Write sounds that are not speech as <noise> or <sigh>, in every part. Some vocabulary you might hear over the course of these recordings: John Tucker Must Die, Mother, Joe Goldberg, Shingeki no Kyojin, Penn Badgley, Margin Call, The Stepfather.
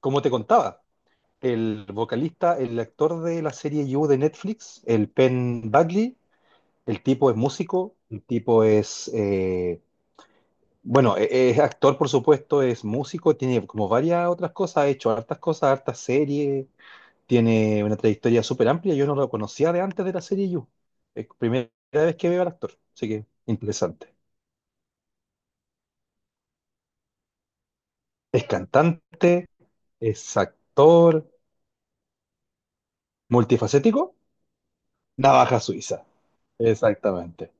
Como te contaba, el vocalista, el actor de la serie You de Netflix, el Penn Badley, el tipo es músico, el tipo es, bueno, es actor por supuesto, es músico, tiene como varias otras cosas, ha hecho hartas cosas, hartas series, tiene una trayectoria súper amplia, yo no lo conocía de antes de la serie You, es primera vez que veo al actor, así que interesante. Es cantante, es actor, multifacético, navaja suiza, exactamente.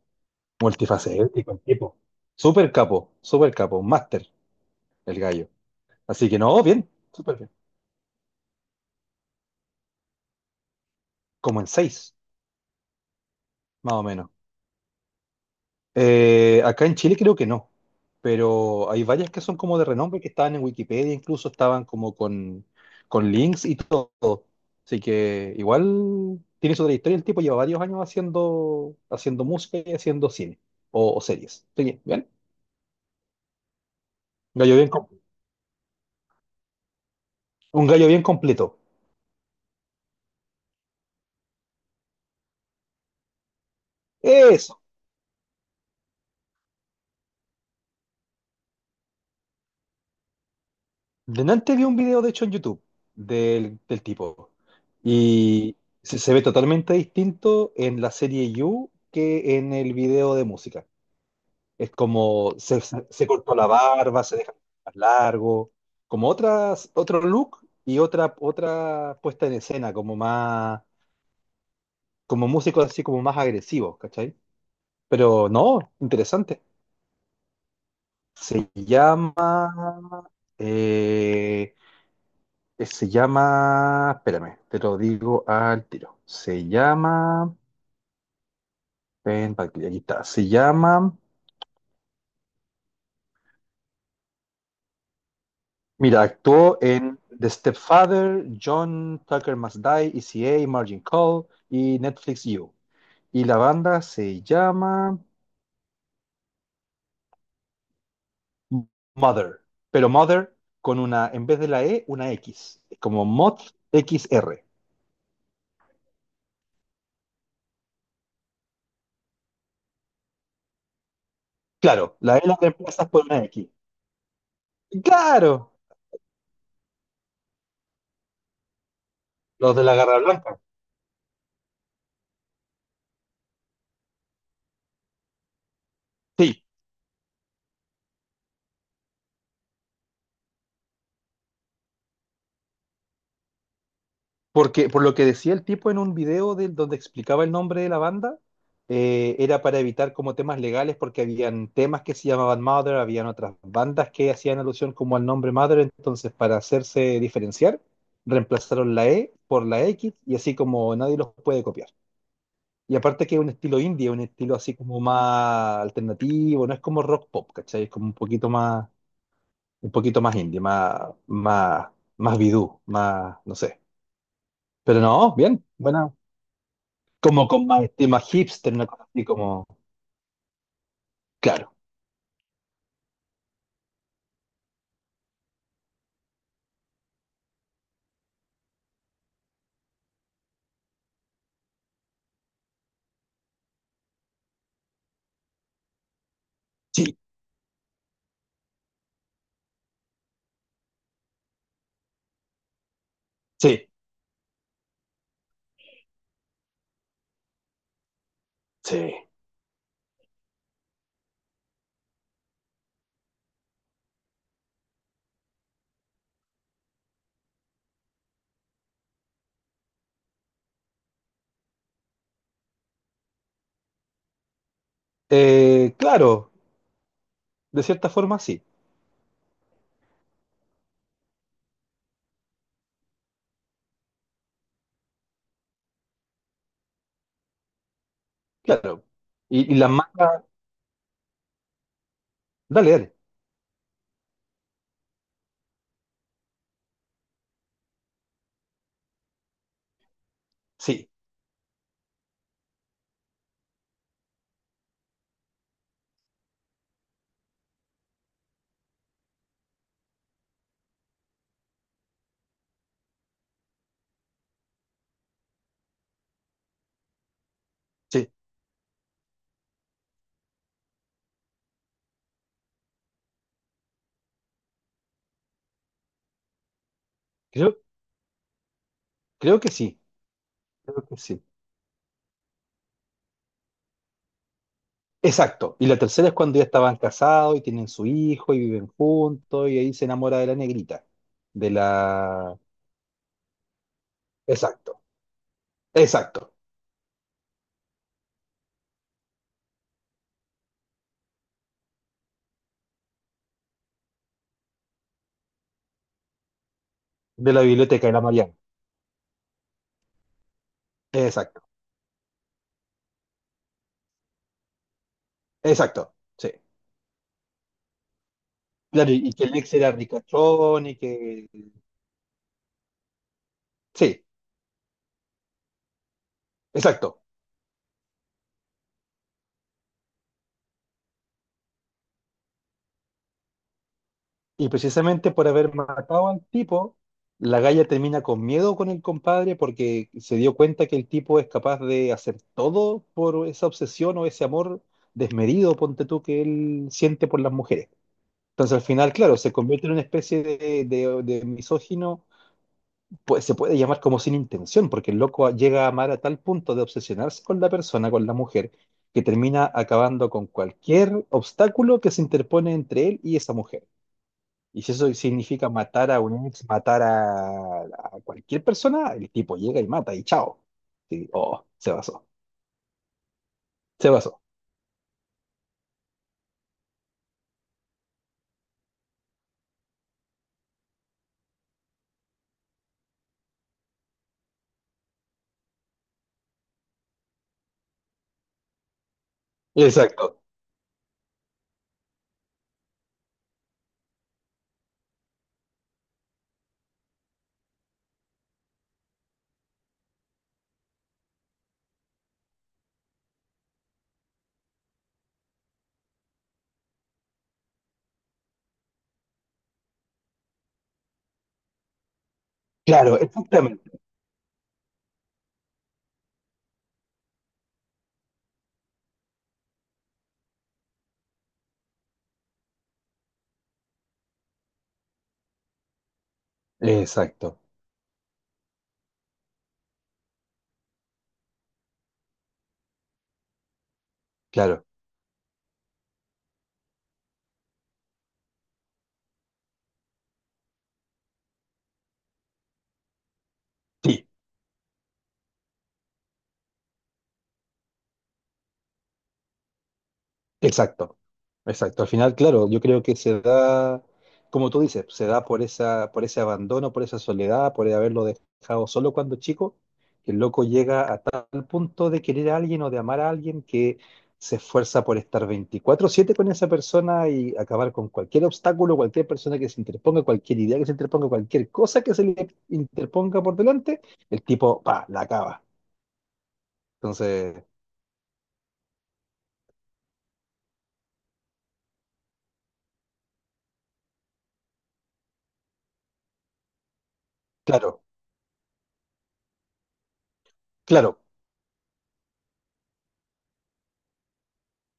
Multifacético el tipo. Súper capo, un máster el gallo. Así que no, bien, súper bien. Como en seis, más o menos. Acá en Chile creo que no, pero hay varias que son como de renombre que estaban en Wikipedia, incluso estaban como con links y todo. Así que igual tiene su trayectoria, el tipo lleva varios años haciendo música y haciendo cine o series. Así que, bien, gallo bien, un gallo bien completo. Eso. Delante vi un video, de hecho, en YouTube del tipo. Y se ve totalmente distinto en la serie You que en el video de música. Es como se cortó la barba, se deja más largo, como otro look y otra puesta en escena, como más, como músicos así como más agresivos, ¿cachai? Pero no, interesante. Se llama eh, se llama, espérame, te lo digo al tiro. Se llama, ven, pa' aquí está. Se llama, mira, actuó en The Stepfather, John Tucker Must Die, ECA, Margin Call y Netflix You. Y la banda se llama Mother, pero Mother con una, en vez de la E, una X, como Mod X R. Claro, la E la reemplazas por una X. Claro, los de la Garra Blanca. Sí, porque por lo que decía el tipo en un video del donde explicaba el nombre de la banda, era para evitar como temas legales porque habían temas que se llamaban Mother, habían otras bandas que hacían alusión como al nombre Mother, entonces para hacerse diferenciar, reemplazaron la E por la X y así como nadie los puede copiar. Y aparte que es un estilo indie, un estilo así como más alternativo, no es como rock pop, ¿cachai? Es como un poquito más indie, más, más, más bidú, más, no sé. Pero no, bien, buena, como con más temas hipster, una cosa así como, claro, sí, sí, sí. Claro, de cierta forma sí, claro. Y las mangas, dale, dale, sí, sí, creo, creo que sí, creo que sí. Exacto, y la tercera es cuando ya estaban casados y tienen su hijo y viven juntos y ahí se enamora de la negrita, de la... Exacto, exacto, de la biblioteca de la Mariana, exacto, exacto, sí. Claro, y que el ex era ricachón y que... Sí, exacto. Y precisamente por haber matado al tipo, la galla termina con miedo con el compadre porque se dio cuenta que el tipo es capaz de hacer todo por esa obsesión o ese amor desmedido, ponte tú, que él siente por las mujeres. Entonces al final, claro, se convierte en una especie de misógino, pues se puede llamar como sin intención, porque el loco llega a amar a tal punto de obsesionarse con la persona, con la mujer, que termina acabando con cualquier obstáculo que se interpone entre él y esa mujer. Y si eso significa matar a un ex, matar a cualquier persona, el tipo llega y mata y chao. Sí, oh, se basó. Se basó. Exacto. Claro, exactamente. Exacto. Claro. Sí. Exacto, exacto. Al final, claro, yo creo que se da, como tú dices, se da por esa, por ese abandono, por esa soledad, por haberlo dejado solo cuando chico, que el loco llega a tal punto de querer a alguien o de amar a alguien que se esfuerza por estar 24/7 con esa persona y acabar con cualquier obstáculo, cualquier persona que se interponga, cualquier idea que se interponga, cualquier cosa que se le interponga por delante, el tipo, pa, la acaba. Entonces, claro. Claro,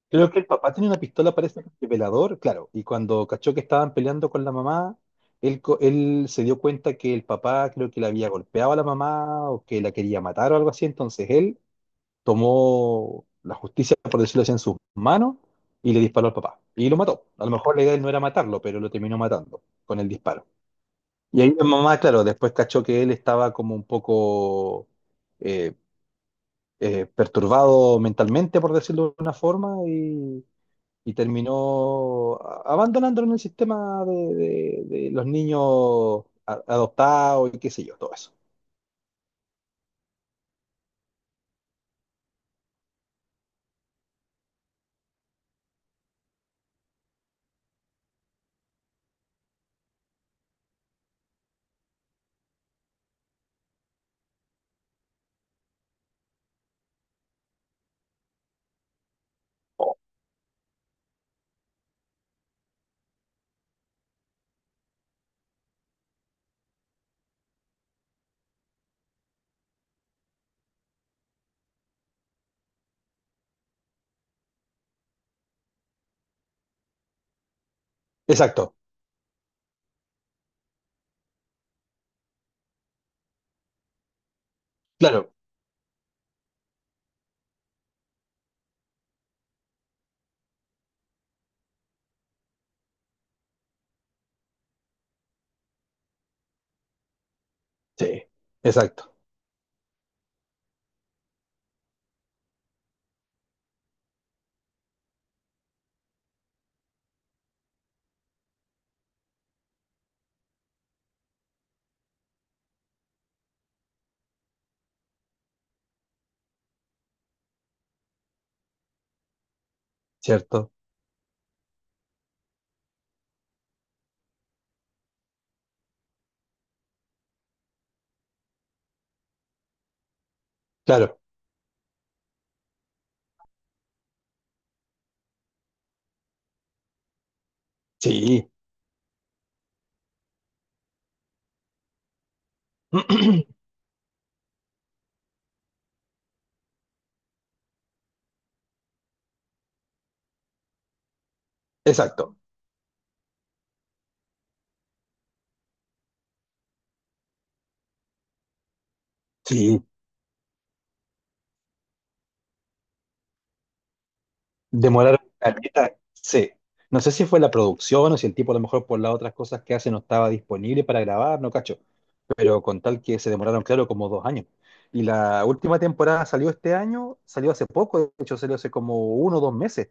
creo que el papá tenía una pistola, parece, de velador, claro. Y cuando cachó que estaban peleando con la mamá, él se dio cuenta que el papá creo que le había golpeado a la mamá o que la quería matar o algo así. Entonces él tomó la justicia, por decirlo así, en sus manos y le disparó al papá. Y lo mató. A lo mejor la idea de él no era matarlo, pero lo terminó matando con el disparo. Y ahí la mamá, claro, después cachó que él estaba como un poco eh, perturbado mentalmente, por decirlo de una forma, y terminó abandonándolo en el sistema de los niños adoptados y qué sé yo, todo eso. Exacto, claro, sí, exacto, cierto, claro, sí, <clears throat> exacto, sí, demoraron caleta, sí. No sé si fue la producción o si el tipo a lo mejor por las otras cosas que hace no estaba disponible para grabar, no cacho, pero con tal que se demoraron, claro, como 2 años. Y la última temporada salió este año, salió hace poco, de hecho salió hace como 1 o 2 meses,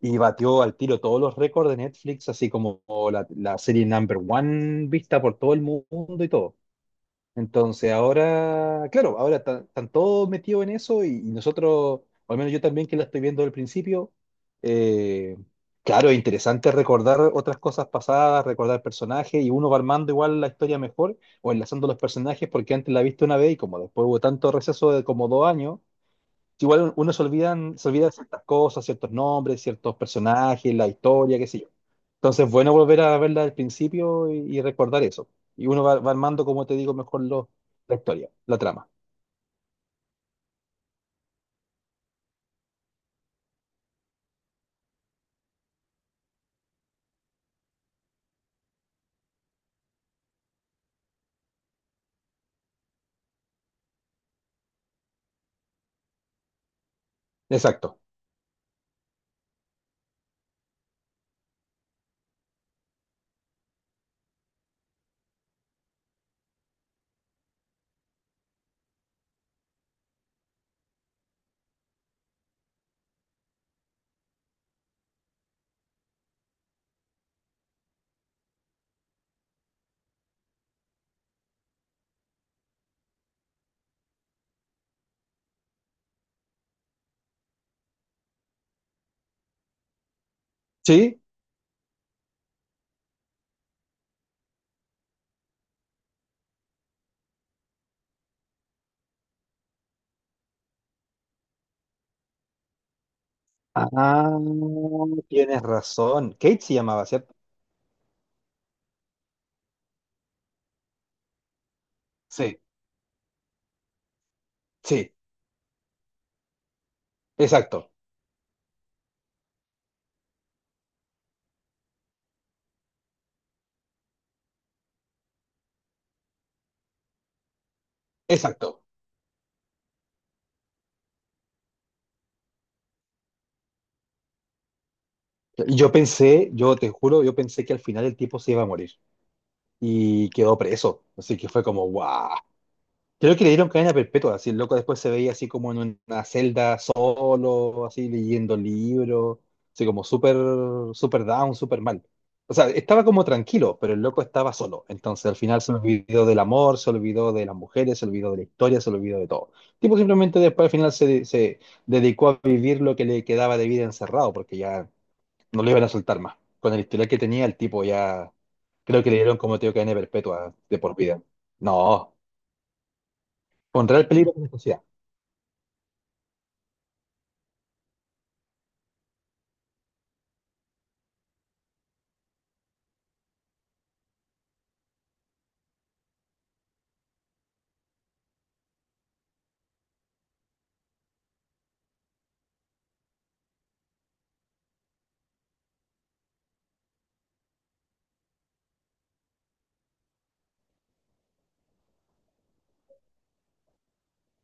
y batió al tiro todos los récords de Netflix, así como la serie number one vista por todo el mundo y todo. Entonces ahora, claro, ahora están todos metidos en eso y nosotros, o al menos yo también que la estoy viendo al principio, eh, claro, es interesante recordar otras cosas pasadas, recordar personajes y uno va armando igual la historia mejor o enlazando los personajes porque antes la viste una vez y como después hubo tanto receso de como 2 años, igual uno se olvidan, se olvida de ciertas cosas, ciertos nombres, ciertos personajes, la historia, qué sé yo. Entonces, bueno, volver a verla al principio y recordar eso. Y uno va armando, como te digo, mejor la historia, la trama. Exacto. ¿Sí? Ah, tienes razón. Kate se llamaba, ¿cierto? Sí, sí, exacto, exacto. Yo pensé, yo te juro, yo pensé que al final el tipo se iba a morir y quedó preso. Así que fue como, ¡guau! Creo que le dieron cadena perpetua, así el loco después se veía así como en una celda solo, así leyendo libros, así como súper, súper down, súper mal. O sea, estaba como tranquilo, pero el loco estaba solo. Entonces al final se olvidó del amor, se olvidó de las mujeres, se olvidó de la historia, se olvidó de todo. El tipo simplemente después al final se dedicó a vivir lo que le quedaba de vida encerrado, porque ya no le iban a soltar más. Con el historial que tenía, el tipo ya creo que le dieron como te digo cadena perpetua de por vida. No. Pondrá el peligro de la sociedad.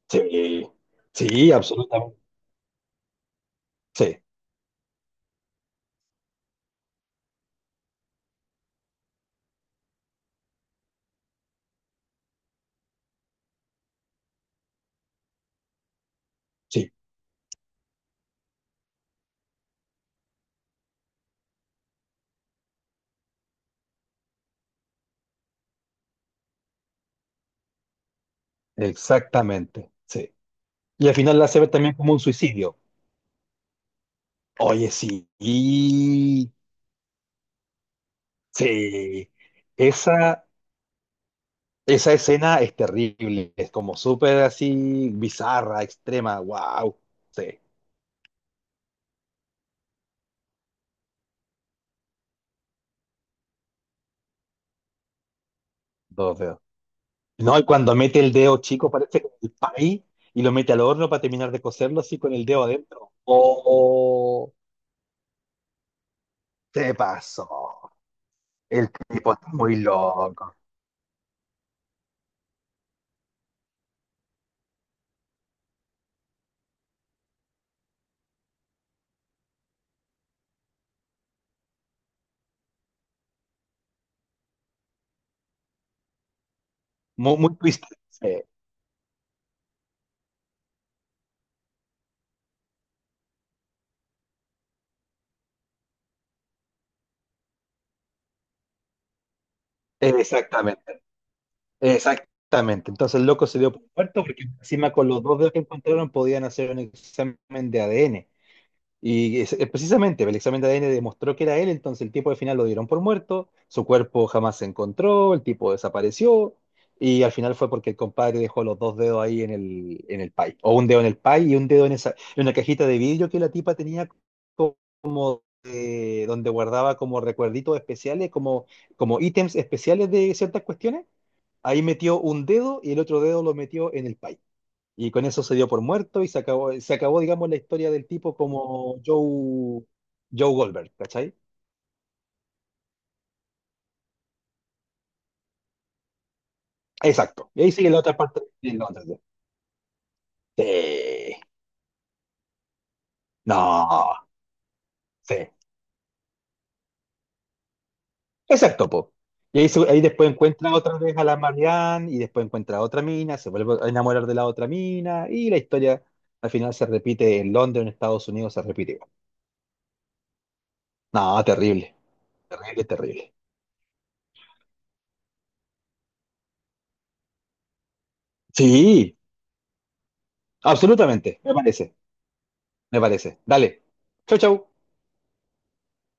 Sí, sí, absolutamente. Sí, sí, exactamente. Sí. Y al final la hace ver también como un suicidio. Oye, sí, sí. Esa, esa escena es terrible. Es como súper así, bizarra, extrema. Wow. Sí, dos dedos. No, y cuando mete el dedo chico, parece como el pay, y lo mete al horno para terminar de cocerlo así con el dedo adentro. Oh, se pasó. El tipo está muy loco, muy, muy twisted. Sí, exactamente, exactamente. Entonces el loco se dio por muerto porque encima con los dos dedos que encontraron podían hacer un examen de ADN. Y precisamente el examen de ADN demostró que era él, entonces el tipo al final lo dieron por muerto, su cuerpo jamás se encontró, el tipo desapareció y al final fue porque el compadre dejó los dos dedos ahí en el pie, o un dedo en el pie y un dedo en, esa, en una cajita de vidrio que la tipa tenía donde guardaba como recuerditos especiales, como ítems especiales de ciertas cuestiones. Ahí metió un dedo y el otro dedo lo metió en el pie. Y con eso se dio por muerto y se acabó, digamos, la historia del tipo como Joe, Joe Goldberg, ¿cachai? Exacto. Y ahí sigue la otra parte de Londres. Sí. No, sí. Exacto, po. Y ahí, ahí después encuentra otra vez a la Marianne y después encuentra a otra mina, se vuelve a enamorar de la otra mina y la historia al final se repite en Londres, en Estados Unidos, se repite igual. No, terrible, terrible, terrible. Sí, absolutamente, me parece, me parece. Dale. Chau, chau.